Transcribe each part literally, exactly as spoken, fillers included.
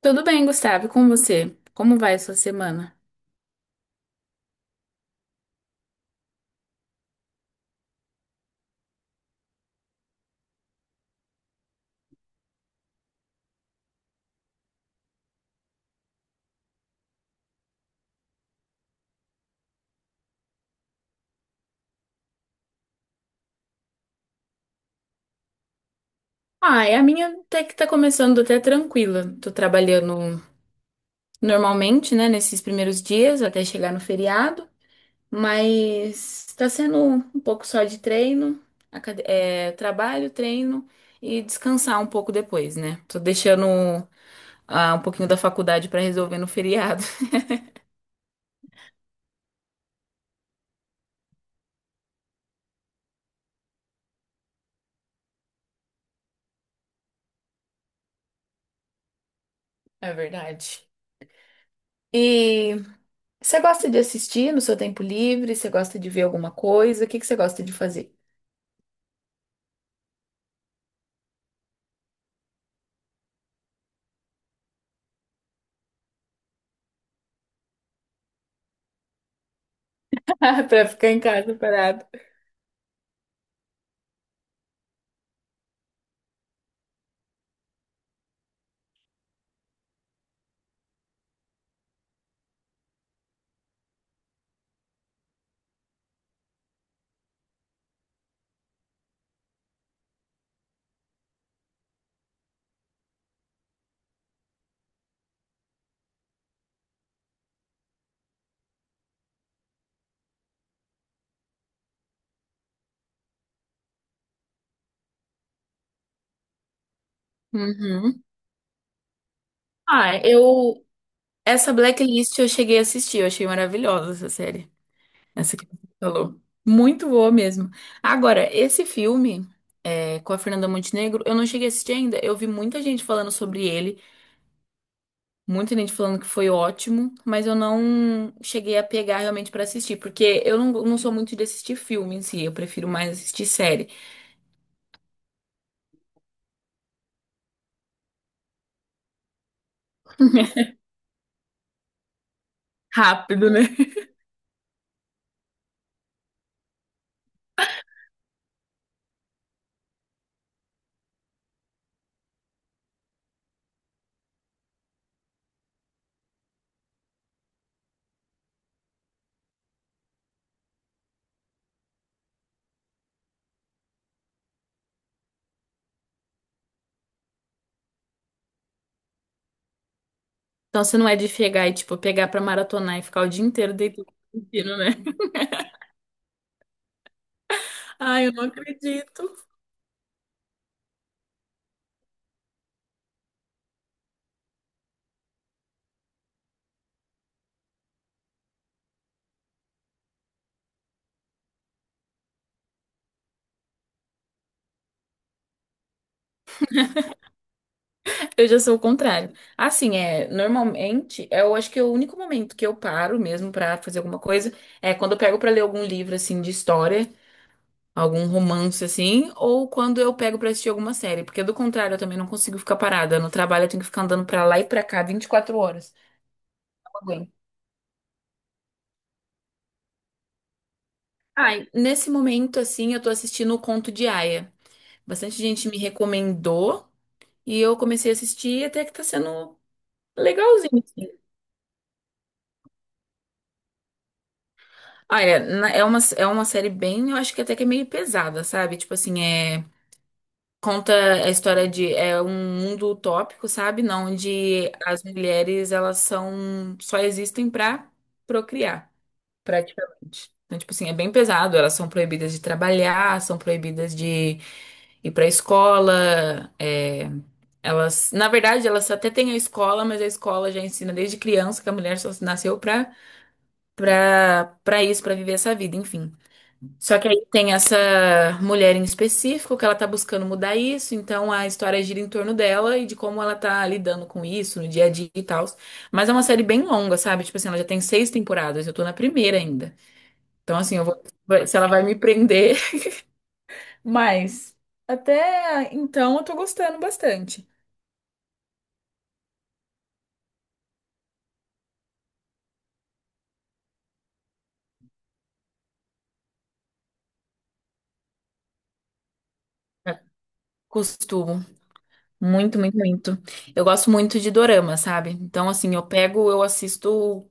Tudo bem, Gustavo, e com você? Como vai a sua semana? Ah, é a minha até que tá começando até tranquila. Tô trabalhando normalmente, né, nesses primeiros dias até chegar no feriado, mas tá sendo um pouco só de treino, acad- é, trabalho, treino e descansar um pouco depois, né? Tô deixando ah, um pouquinho da faculdade pra resolver no feriado. É verdade. E você gosta de assistir no seu tempo livre? Você gosta de ver alguma coisa? O que que você gosta de fazer? Pra ficar em casa parado. Uhum. Ah, eu. Essa Blacklist eu cheguei a assistir, eu achei maravilhosa essa série. Essa que você falou. Muito boa mesmo. Agora, esse filme é, com a Fernanda Montenegro, eu não cheguei a assistir ainda. Eu vi muita gente falando sobre ele. Muita gente falando que foi ótimo, mas eu não cheguei a pegar realmente pra assistir, porque eu não, não sou muito de assistir filme em si, eu prefiro mais assistir série. Rápido, né? Então você não é de chegar e, tipo, pegar pra maratonar e ficar o dia inteiro deitado assistindo, né? Ai, eu não acredito. Eu já sou o contrário. Assim, é, normalmente, é, eu acho que é o único momento que eu paro mesmo pra fazer alguma coisa é quando eu pego pra ler algum livro, assim, de história. Algum romance assim, ou quando eu pego pra assistir alguma série, porque do contrário eu também não consigo ficar parada. No trabalho eu tenho que ficar andando pra lá e pra cá vinte e quatro horas. Não aguento. Ai, nesse momento assim, eu tô assistindo o Conto de Aia. Bastante gente me recomendou e eu comecei a assistir e até que tá sendo legalzinho assim. Olha, na- é uma é uma série bem, eu acho que até que é meio pesada, sabe? Tipo assim, é. Conta a história de é um mundo utópico, sabe? Não, onde as mulheres elas são só existem pra procriar, praticamente. Então, tipo assim, é bem pesado. Elas são proibidas de trabalhar, são proibidas de ir pra escola. É, elas, na verdade, elas até têm a escola, mas a escola já ensina desde criança que a mulher só nasceu pra para para isso, pra viver essa vida, enfim. Só que aí tem essa mulher em específico que ela tá buscando mudar isso, então a história gira em torno dela e de como ela tá lidando com isso no dia a dia e tal. Mas é uma série bem longa, sabe? Tipo assim, ela já tem seis temporadas, eu tô na primeira ainda. Então, assim, eu vou vai- se ela vai me prender. Mas até então eu tô gostando bastante. Costumo. Muito, muito, muito. Eu gosto muito de dorama, sabe? Então, assim, eu pego, eu assisto,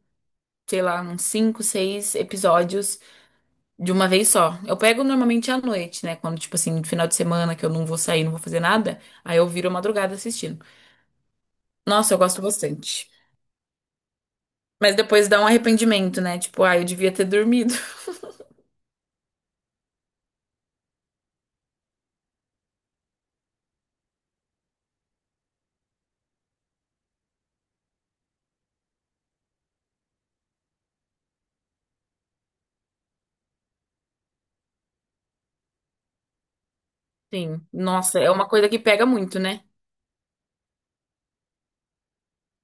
sei lá, uns cinco, seis episódios de uma vez só. Eu pego normalmente à noite, né? Quando, tipo assim, no final de semana que eu não vou sair, não vou fazer nada, aí eu viro a madrugada assistindo. Nossa, eu gosto bastante. Mas depois dá um arrependimento, né? Tipo, ah, eu devia ter dormido. Sim. Nossa, é uma coisa que pega muito, né?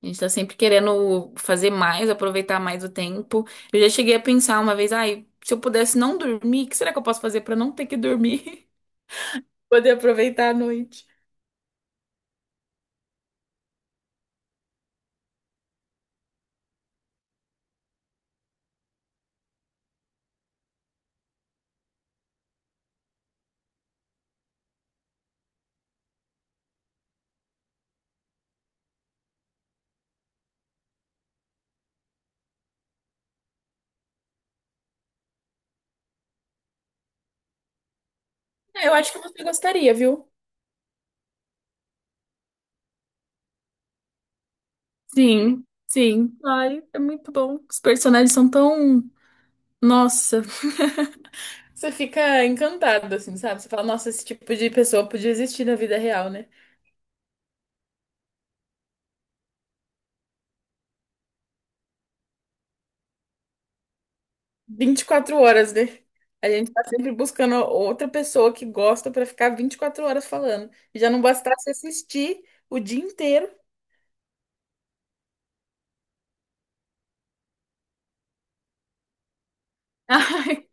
A gente tá sempre querendo fazer mais, aproveitar mais o tempo. Eu já cheguei a pensar uma vez, ai, se eu pudesse não dormir, o que será que eu posso fazer pra não ter que dormir? Poder aproveitar a noite. É, eu acho que você gostaria, viu? Sim, sim. Ai, é muito bom. Os personagens são tão. Nossa. Você fica encantado, assim, sabe? Você fala, nossa, esse tipo de pessoa podia existir na vida real, né? Vinte e quatro horas, né? A gente tá sempre buscando outra pessoa que gosta pra ficar vinte e quatro horas falando. E já não bastasse assistir o dia inteiro, ai,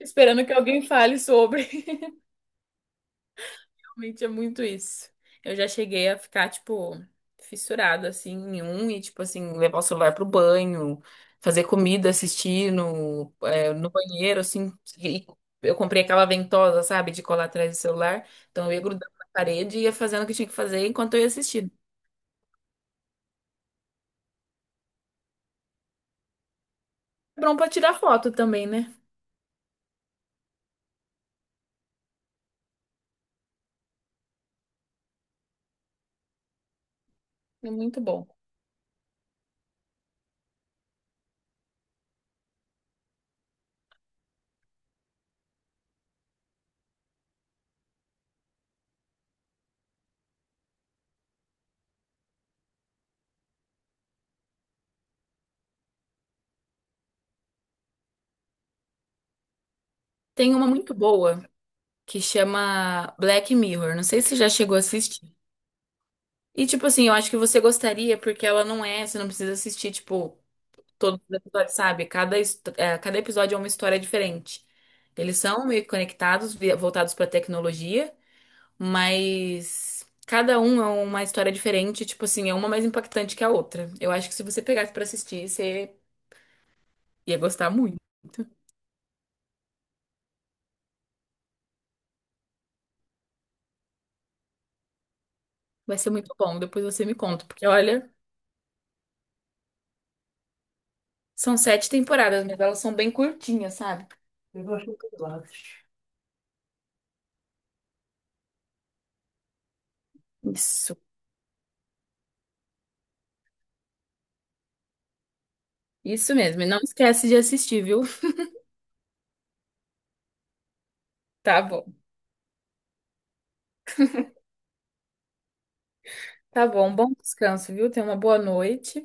esperando que alguém fale sobre. Realmente é muito isso. Eu já cheguei a ficar, tipo, fissurada, assim, em um e, tipo, assim, levar o celular pro banho, fazer comida, assistir no, é, no banheiro, assim. E eu comprei aquela ventosa, sabe, de colar atrás do celular. Então eu ia grudando na parede e ia fazendo o que tinha que fazer enquanto eu ia assistindo. É bom pra tirar foto também, né? É muito bom. Tem uma muito boa que chama Black Mirror. Não sei se você já chegou a assistir. E, tipo assim, eu acho que você gostaria, porque ela não é, você não precisa assistir, tipo, todos os episódios, sabe? Cada, his- é, cada episódio é uma história diferente. Eles são meio conectados, vi- voltados pra tecnologia, mas cada um é uma história diferente, tipo assim, é uma mais impactante que a outra. Eu acho que se você pegasse pra assistir, você ia gostar muito. Vai ser muito bom, depois você me conta, porque olha, são sete temporadas, mas elas são bem curtinhas, sabe? Isso, isso mesmo. E não esquece de assistir, viu? Tá bom. Tá bom, bom descanso, viu? Tenha uma boa noite.